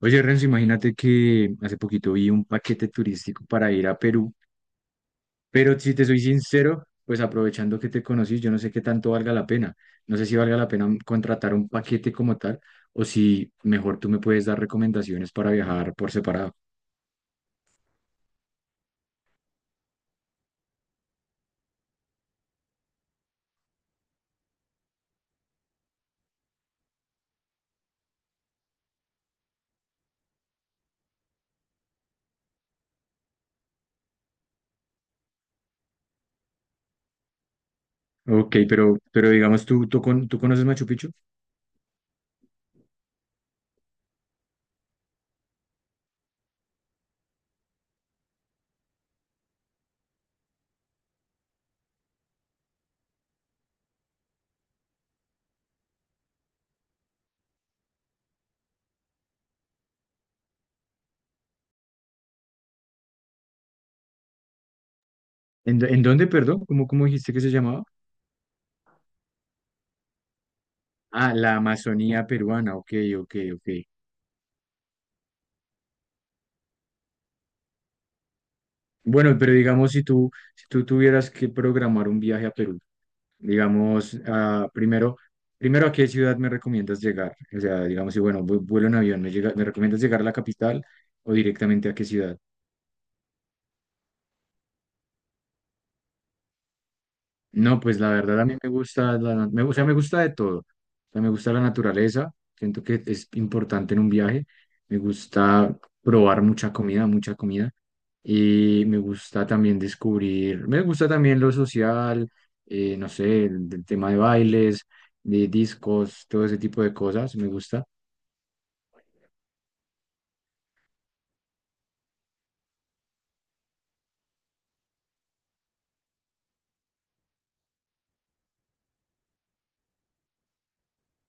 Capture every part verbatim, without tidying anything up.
Oye, Renzo, imagínate que hace poquito vi un paquete turístico para ir a Perú, pero si te soy sincero, pues aprovechando que te conocí, yo no sé qué tanto valga la pena. No sé si valga la pena contratar un paquete como tal o si mejor tú me puedes dar recomendaciones para viajar por separado. Ok, pero, pero digamos, ¿tú, tú, con- tú conoces Machu Picchu? ¿En, dó- en dónde, perdón? ¿Cómo, cómo dijiste que se llamaba? Ah, la Amazonía peruana. Ok, ok, ok. Bueno, pero digamos, si tú, si tú tuvieras que programar un viaje a Perú. Digamos, ah, primero, primero, ¿a qué ciudad me recomiendas llegar? O sea, digamos, si bueno, vu- vuelo en avión, ¿me, llega- me recomiendas llegar a la capital o directamente a qué ciudad? No, pues la verdad a mí me gusta, la, na- me, o sea, me gusta de todo. O sea, me gusta la naturaleza, siento que es importante en un viaje. Me gusta probar mucha comida, mucha comida. Y me gusta también descubrir, me gusta también lo social, eh, no sé, el, el tema de bailes, de discos, todo ese tipo de cosas, me gusta.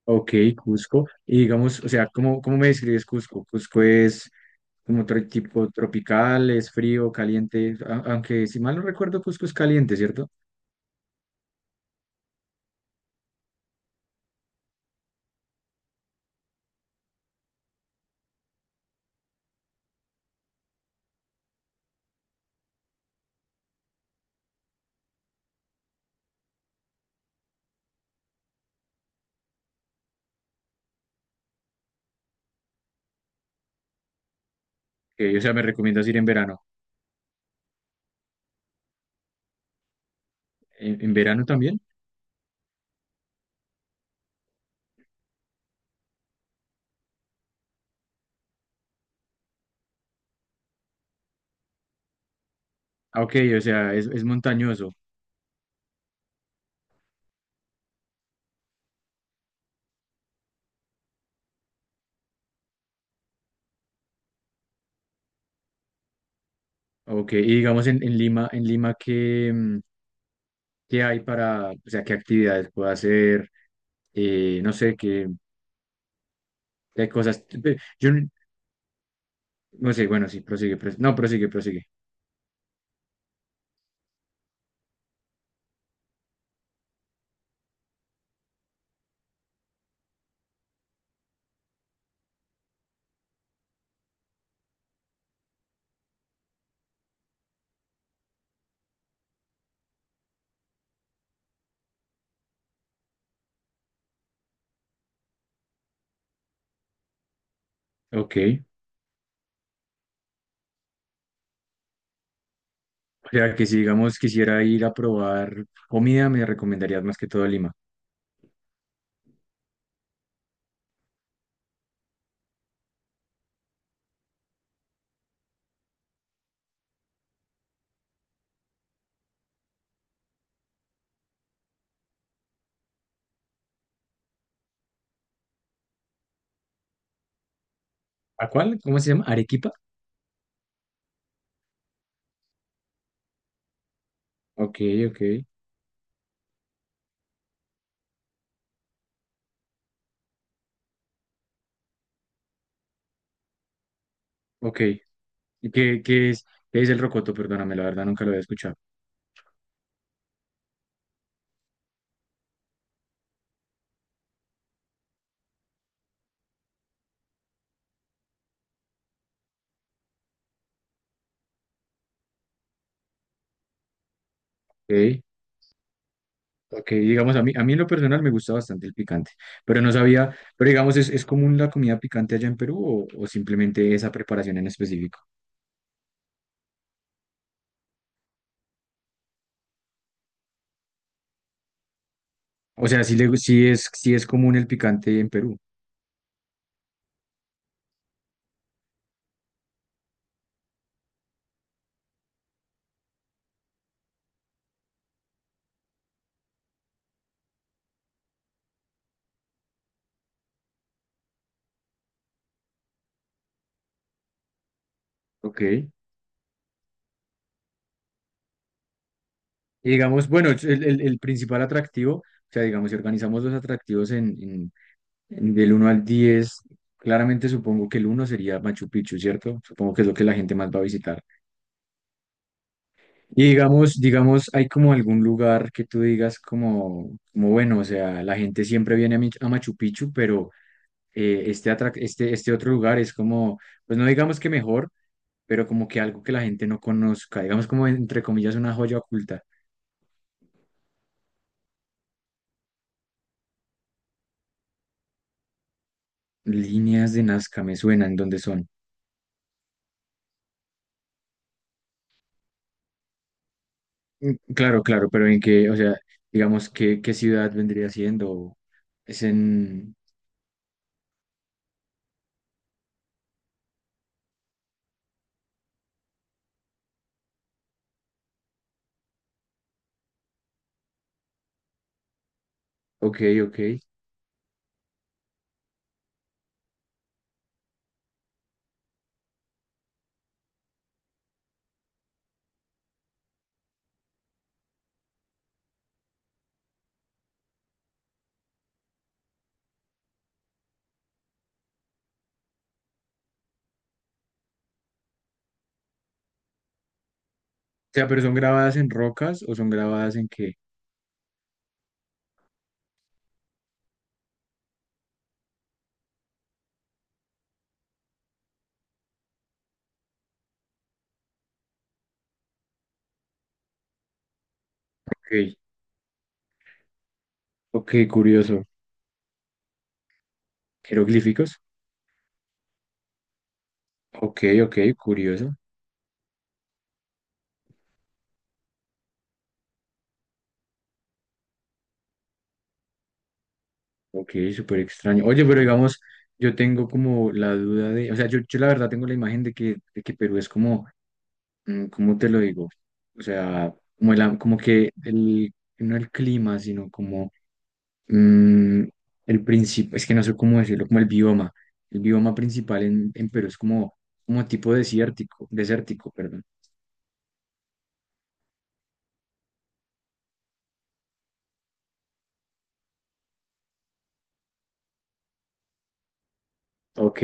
Ok, Cusco. Y digamos, o sea, ¿cómo, cómo me describes Cusco? Cusco es como otro tipo tropical, es frío, caliente, a- aunque si mal no recuerdo, Cusco es caliente, ¿cierto? Ok, o sea, me recomiendas ir en verano. ¿En, en verano también? Ah, Ok, o sea, es, es montañoso. Ok, y digamos en, en Lima, en Lima, ¿qué, mm, qué hay para, o sea, ¿qué actividades puedo hacer? Eh, no sé, qué, qué cosas. Yo no no sé, bueno, sí, prosigue, pros- no, prosigue, prosigue. Ok. O sea, que si, digamos, quisiera ir a probar comida, me recomendarías más que todo Lima. ¿A cuál? ¿Cómo se llama? ¿Arequipa? Ok, ok, ok. ¿Y qué, qué es, qué es el rocoto? Perdóname, la verdad nunca lo había escuchado. Ok. Ok, digamos, a mí, a mí en lo personal me gusta bastante el picante, pero no sabía, pero digamos, ¿es, es común la comida picante allá en Perú o, o simplemente esa preparación en específico? O sea, sí, le, sí es, sí es común el picante en Perú. Ok. Y digamos, bueno, es el, el- el principal atractivo, o sea, digamos, si organizamos los atractivos en, en- en del uno al diez, claramente supongo que el uno sería Machu Picchu, ¿cierto? Supongo que es lo que la gente más va a visitar. Y digamos, digamos, hay como algún lugar que tú digas como, como bueno, o sea, la gente siempre viene a, Mich- a Machu Picchu, pero eh, este, atrac- este, este otro lugar es como, pues no digamos que mejor, pero como que algo que la gente no conozca, digamos como entre comillas una joya oculta. Líneas de Nazca me suenan, ¿dónde son? Claro, claro, pero en qué, o sea, digamos, ¿qué, qué ciudad vendría siendo? Es en, ok, ok. O sea, pero ¿son grabadas en rocas o son grabadas en qué? Ok, ok, curioso. Jeroglíficos. Ok, ok, curioso. Ok, súper extraño. Oye, pero digamos, yo tengo como la duda de, o sea, yo, yo la verdad tengo la imagen de que, de que Perú es como, mm, ¿cómo te lo digo? O sea, como, el, am- como que el, no el clima, sino como mm, el principio, es que no sé cómo decirlo, como el bioma. El bioma principal en, en Perú es como, como tipo desértico, desértico, perdón. Ok,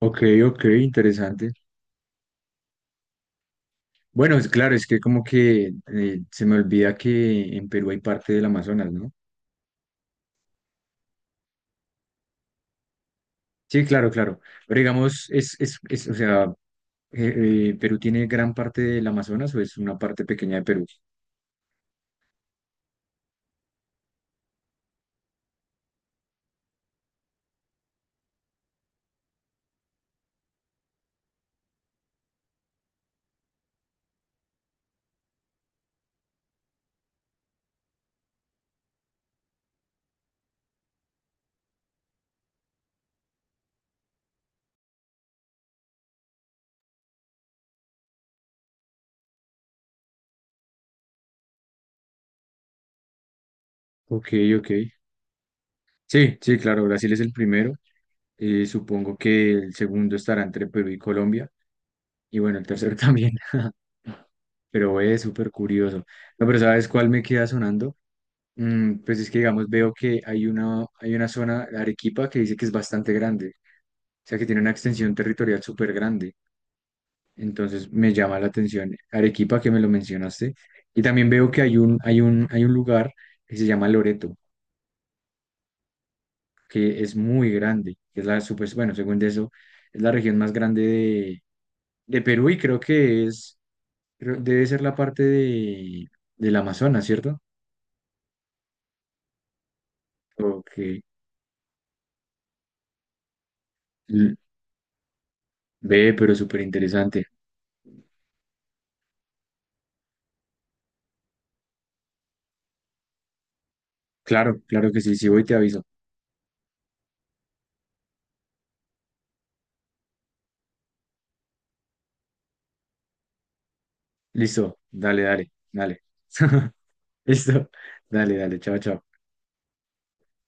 ok, ok, interesante. Bueno, es claro, es que como que eh, se me olvida que en Perú hay parte del Amazonas, ¿no? Sí, claro, claro. Pero digamos, es, es, es o sea, eh, eh, ¿Perú tiene gran parte del Amazonas o es una parte pequeña de Perú? Ok, ok. Sí, sí, claro, Brasil es el primero. Eh, supongo que el segundo estará entre Perú y Colombia. Y bueno, el tercero también. Pero es súper curioso. No, pero ¿sabes cuál me queda sonando? Mm, pues es que, digamos, veo que hay una, hay una zona, Arequipa, que dice que es bastante grande. O sea, que tiene una extensión territorial súper grande. Entonces me llama la atención Arequipa, que me lo mencionaste. Y también veo que hay un, hay un, hay un lugar que se llama Loreto, que es muy grande, que es la super, bueno, según eso, es la región más grande de, de Perú y creo que es, creo- debe ser la parte de, del Amazonas, ¿cierto? O que l- ve, pero súper interesante. Claro, claro que sí, si voy te aviso. Listo, dale, dale, dale. Listo, dale, dale, chao, chao.